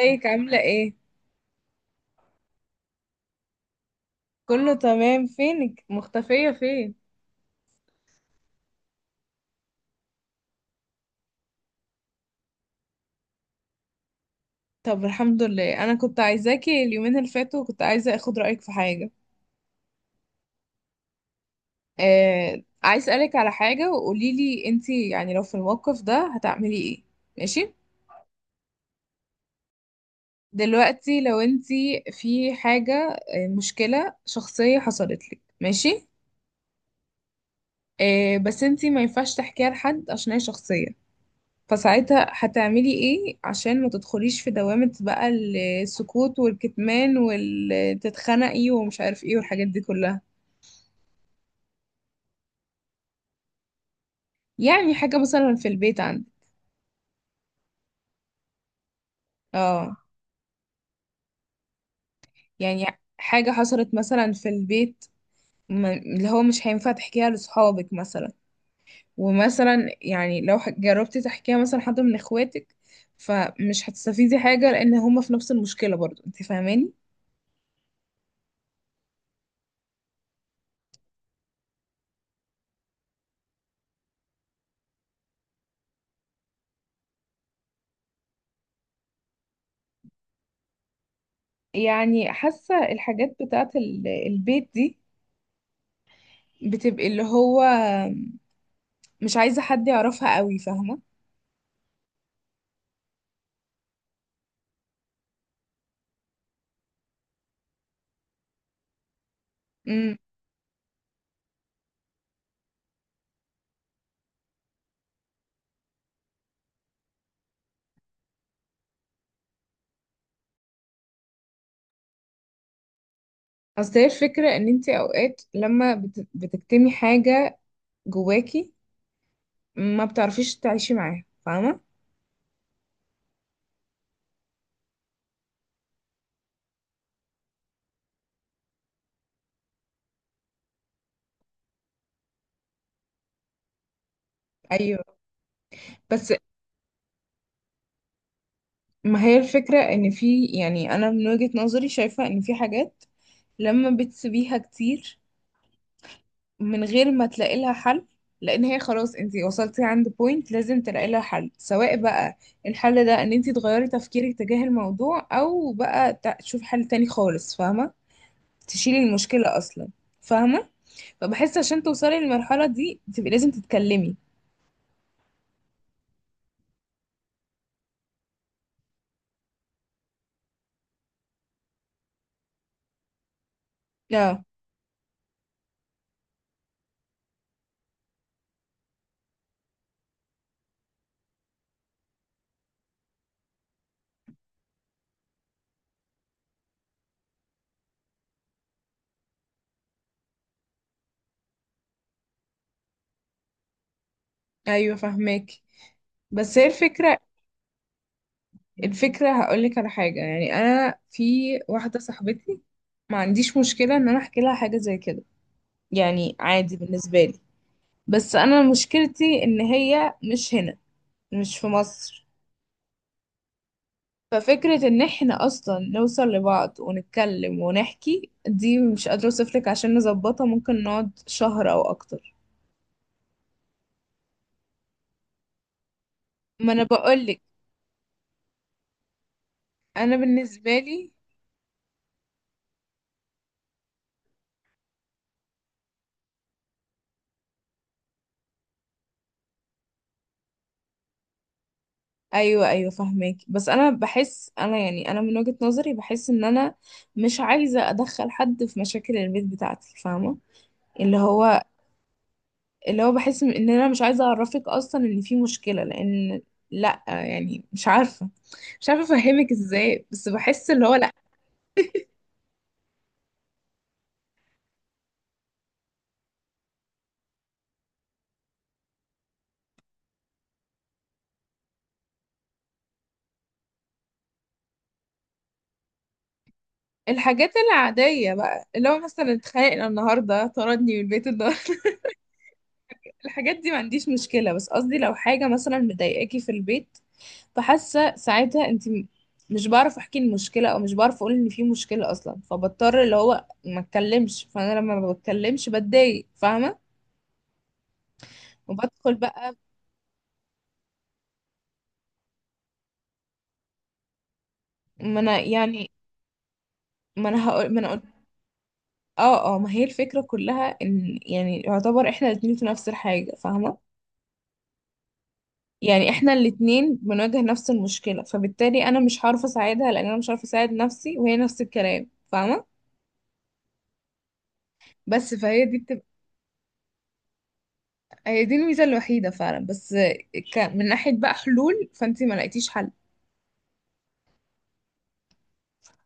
ازيك؟ عاملة ايه؟ كله تمام، فينك؟ مختفية فين؟ طب الحمد لله، انا كنت عايزاكي اليومين اللي فاتوا، كنت عايزة اخد رأيك في حاجة. آه، عايز اسألك على حاجة، وقوليلي انتي يعني لو في الموقف ده هتعملي ايه. ماشي؟ دلوقتي لو انتي في حاجة، آه، مشكلة شخصية حصلت لك، ماشي؟ آه، بس انتي ما ينفعش تحكيها لحد عشان هي شخصية. فساعتها هتعملي ايه عشان ما تدخليش في دوامة بقى، السكوت والكتمان وتتخنقي ومش عارف ايه والحاجات دي كلها. يعني حاجة مثلا في البيت عندك. اه. يعني حاجة حصلت مثلا في البيت، اللي هو مش هينفع تحكيها لصحابك مثلا. ومثلا يعني لو جربتي تحكيها مثلا حد من اخواتك، فمش هتستفيدي حاجة لان هما في نفس المشكلة برضو، انت فاهماني. يعني حاسة الحاجات بتاعت البيت دي بتبقي اللي هو مش عايزة حد يعرفها قوي، فاهمة. امم. اصل هي الفكرة ان انت اوقات لما بتكتمي حاجة جواكي، ما بتعرفيش تعيشي معاها، فاهمة. ايوه، بس ما هي الفكرة، ان في يعني، انا من وجهة نظري شايفة ان في حاجات لما بتسيبيها كتير من غير ما تلاقي لها حل، لان هي خلاص انتي وصلتي عند بوينت لازم تلاقي لها حل. سواء بقى الحل ده ان انتي تغيري تفكيرك تجاه الموضوع، او بقى تشوفي حل تاني خالص، فاهمة، تشيلي المشكلة اصلا. فاهمة؟ فبحس عشان توصلي للمرحلة دي تبقي لازم تتكلمي. لا. ايوه فاهمك. بس هي الفكرة، الفكرة هقولك على حاجة، يعني انا في واحدة صاحبتي ما عنديش مشكلة ان انا احكي لها حاجة زي كده، يعني عادي بالنسبة لي. بس انا مشكلتي ان هي مش هنا، مش في مصر. ففكرة ان احنا اصلا نوصل لبعض ونتكلم ونحكي دي مش قادرة اوصفلك، عشان نظبطها ممكن نقعد شهر او اكتر. ما انا بقولك، انا بالنسبة لي. ايوه ايوه فاهمك. بس انا بحس، انا يعني انا من وجهة نظري بحس ان انا مش عايزة ادخل حد في مشاكل البيت بتاعتي، فاهمة؟ اللي هو، اللي هو بحس ان انا مش عايزه اعرفك اصلا ان في مشكله، لان لا يعني مش عارفه، مش عارفه افهمك ازاي، بس بحس اللي هو لا. الحاجات العاديه بقى اللي هو مثلا اتخانقنا النهارده، طردني من البيت النهارده، الحاجات دي ما عنديش مشكله. بس قصدي لو حاجه مثلا مضايقاكي في البيت، فحاسه ساعتها انت مش بعرف احكي المشكله، او مش بعرف اقول ان في مشكله اصلا، فبضطر اللي هو ما اتكلمش، فانا لما ما بتكلمش بتضايق، فاهمه؟ وبدخل بقى. ما انا يعني ما انا هقول ما انا. اه اه، ما هي الفكرة كلها ان يعني يعتبر احنا الاتنين في نفس الحاجة، فاهمة؟ يعني احنا الاتنين بنواجه نفس المشكلة، فبالتالي انا مش هعرف اساعدها لان انا مش عارفة اساعد نفسي، وهي نفس الكلام، فاهمة. بس فهي دي بتبقى، هي دي الميزة الوحيدة فعلا. بس من ناحية بقى حلول، فانتي ما لقيتيش حل.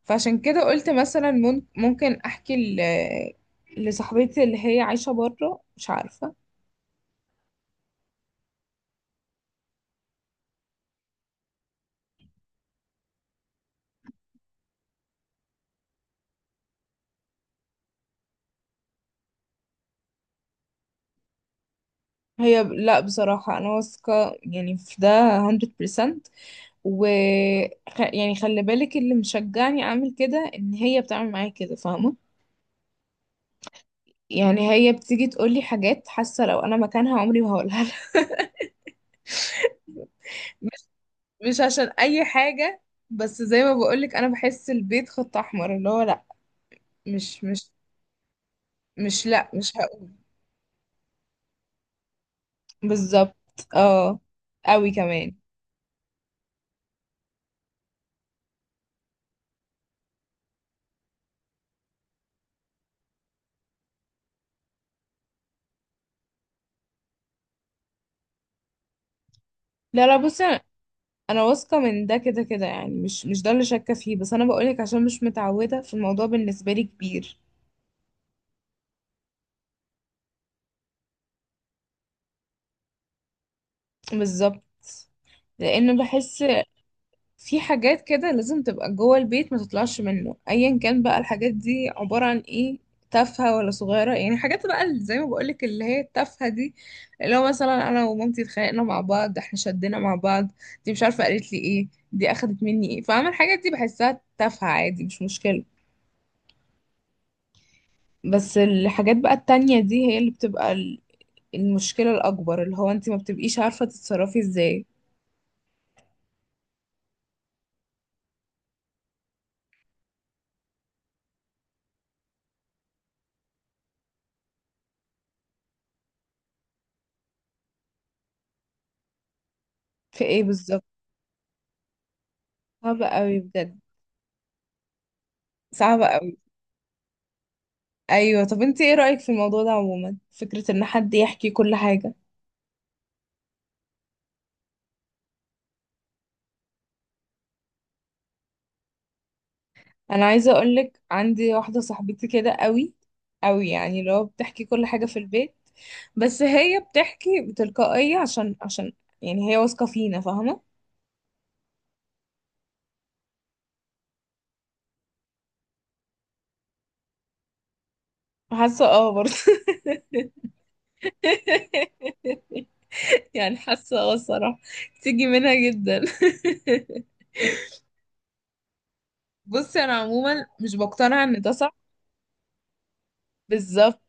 فعشان كده قلت مثلا ممكن احكي لصاحبتي اللي هي عايشة بره، مش عارفة. هي لا، بصراحة أنا واثقة يعني في ده 100%، و يعني خلي بالك اللي مشجعني اعمل كده، ان هي بتعمل معايا كده، فاهمه. يعني هي بتيجي تقول لي حاجات، حاسه لو انا مكانها عمري ما هقولها لها. مش مش عشان اي حاجه، بس زي ما بقول لك انا بحس البيت خط احمر، اللي هو لا، مش، مش، لا مش هقول. بالظبط. اه، قوي كمان. لا لا، بصي انا، أنا واثقه من ده كده كده، يعني مش ده اللي شاكه فيه، بس انا بقولك عشان مش متعوده، في الموضوع بالنسبه لي كبير. بالظبط، لان بحس في حاجات كده لازم تبقى جوه البيت، ما تطلعش منه. ايا كان بقى الحاجات دي عبارة عن ايه، تافهة ولا صغيرة. يعني حاجات بقى اللي زي ما بقولك اللي هي التافهة دي، اللي هو مثلا انا ومامتي اتخانقنا مع بعض، احنا شدنا مع بعض، دي مش عارفة قالت لي ايه، دي اخدت مني ايه، فاهمة؟ الحاجات دي بحسها تافهة، عادي، مش مشكلة. بس الحاجات بقى التانية دي هي اللي بتبقى المشكلة الأكبر، اللي هو انت ما بتبقيش عارفة تتصرفي ازاي. في ايه بالظبط؟ صعبة قوي بجد. صعبة. ايوه، طب انت ايه رأيك في الموضوع ده عموما، فكرة ان حد يحكي كل حاجة؟ انا عايزة اقولك عندي واحدة صاحبتي كده قوي قوي، يعني لو بتحكي كل حاجة في البيت. بس هي بتحكي بتلقائية عشان، عشان يعني هي واثقة فينا، فاهمة. حاسة اه برضه. يعني حاسة اه الصراحة، تيجي منها جدا. بصي انا عموما مش بقتنع ان ده صح. بالظبط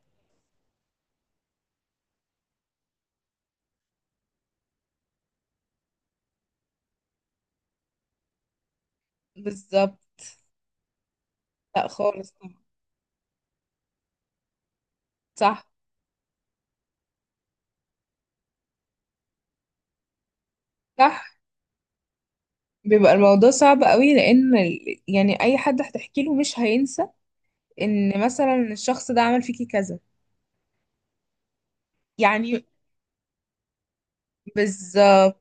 بالظبط. لا خالص طبعا. صح صح. بيبقى الموضوع صعب قوي، لان يعني اي حد هتحكي له مش هينسى ان مثلا الشخص ده عمل فيكي كذا. يعني بالظبط.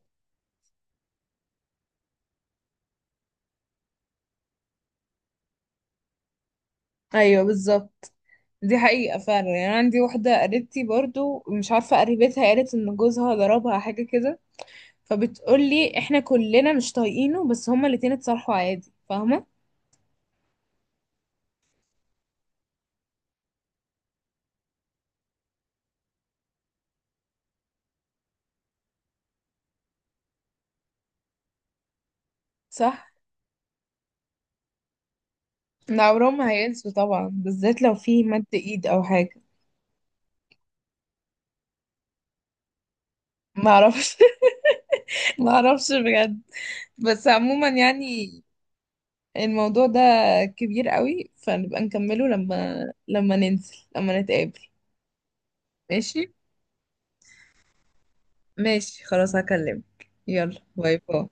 ايوه بالظبط. دي حقيقة فعلا. يعني أنا عندي واحدة قريبتي برضو، مش عارفة قريبتها، قالت ان جوزها ضربها حاجة كده، فبتقولي احنا كلنا مش طايقينه، بس هما الاتنين اتصالحوا عادي، فاهمة؟ صح. ده عمرهم ما هينسوا طبعا، بالذات لو في مد ايد او حاجة. معرفش، معرفش. بجد. بس عموما يعني الموضوع ده كبير قوي، فنبقى نكمله لما، لما ننزل، لما نتقابل. ماشي. ماشي خلاص، هكلمك. يلا باي باي.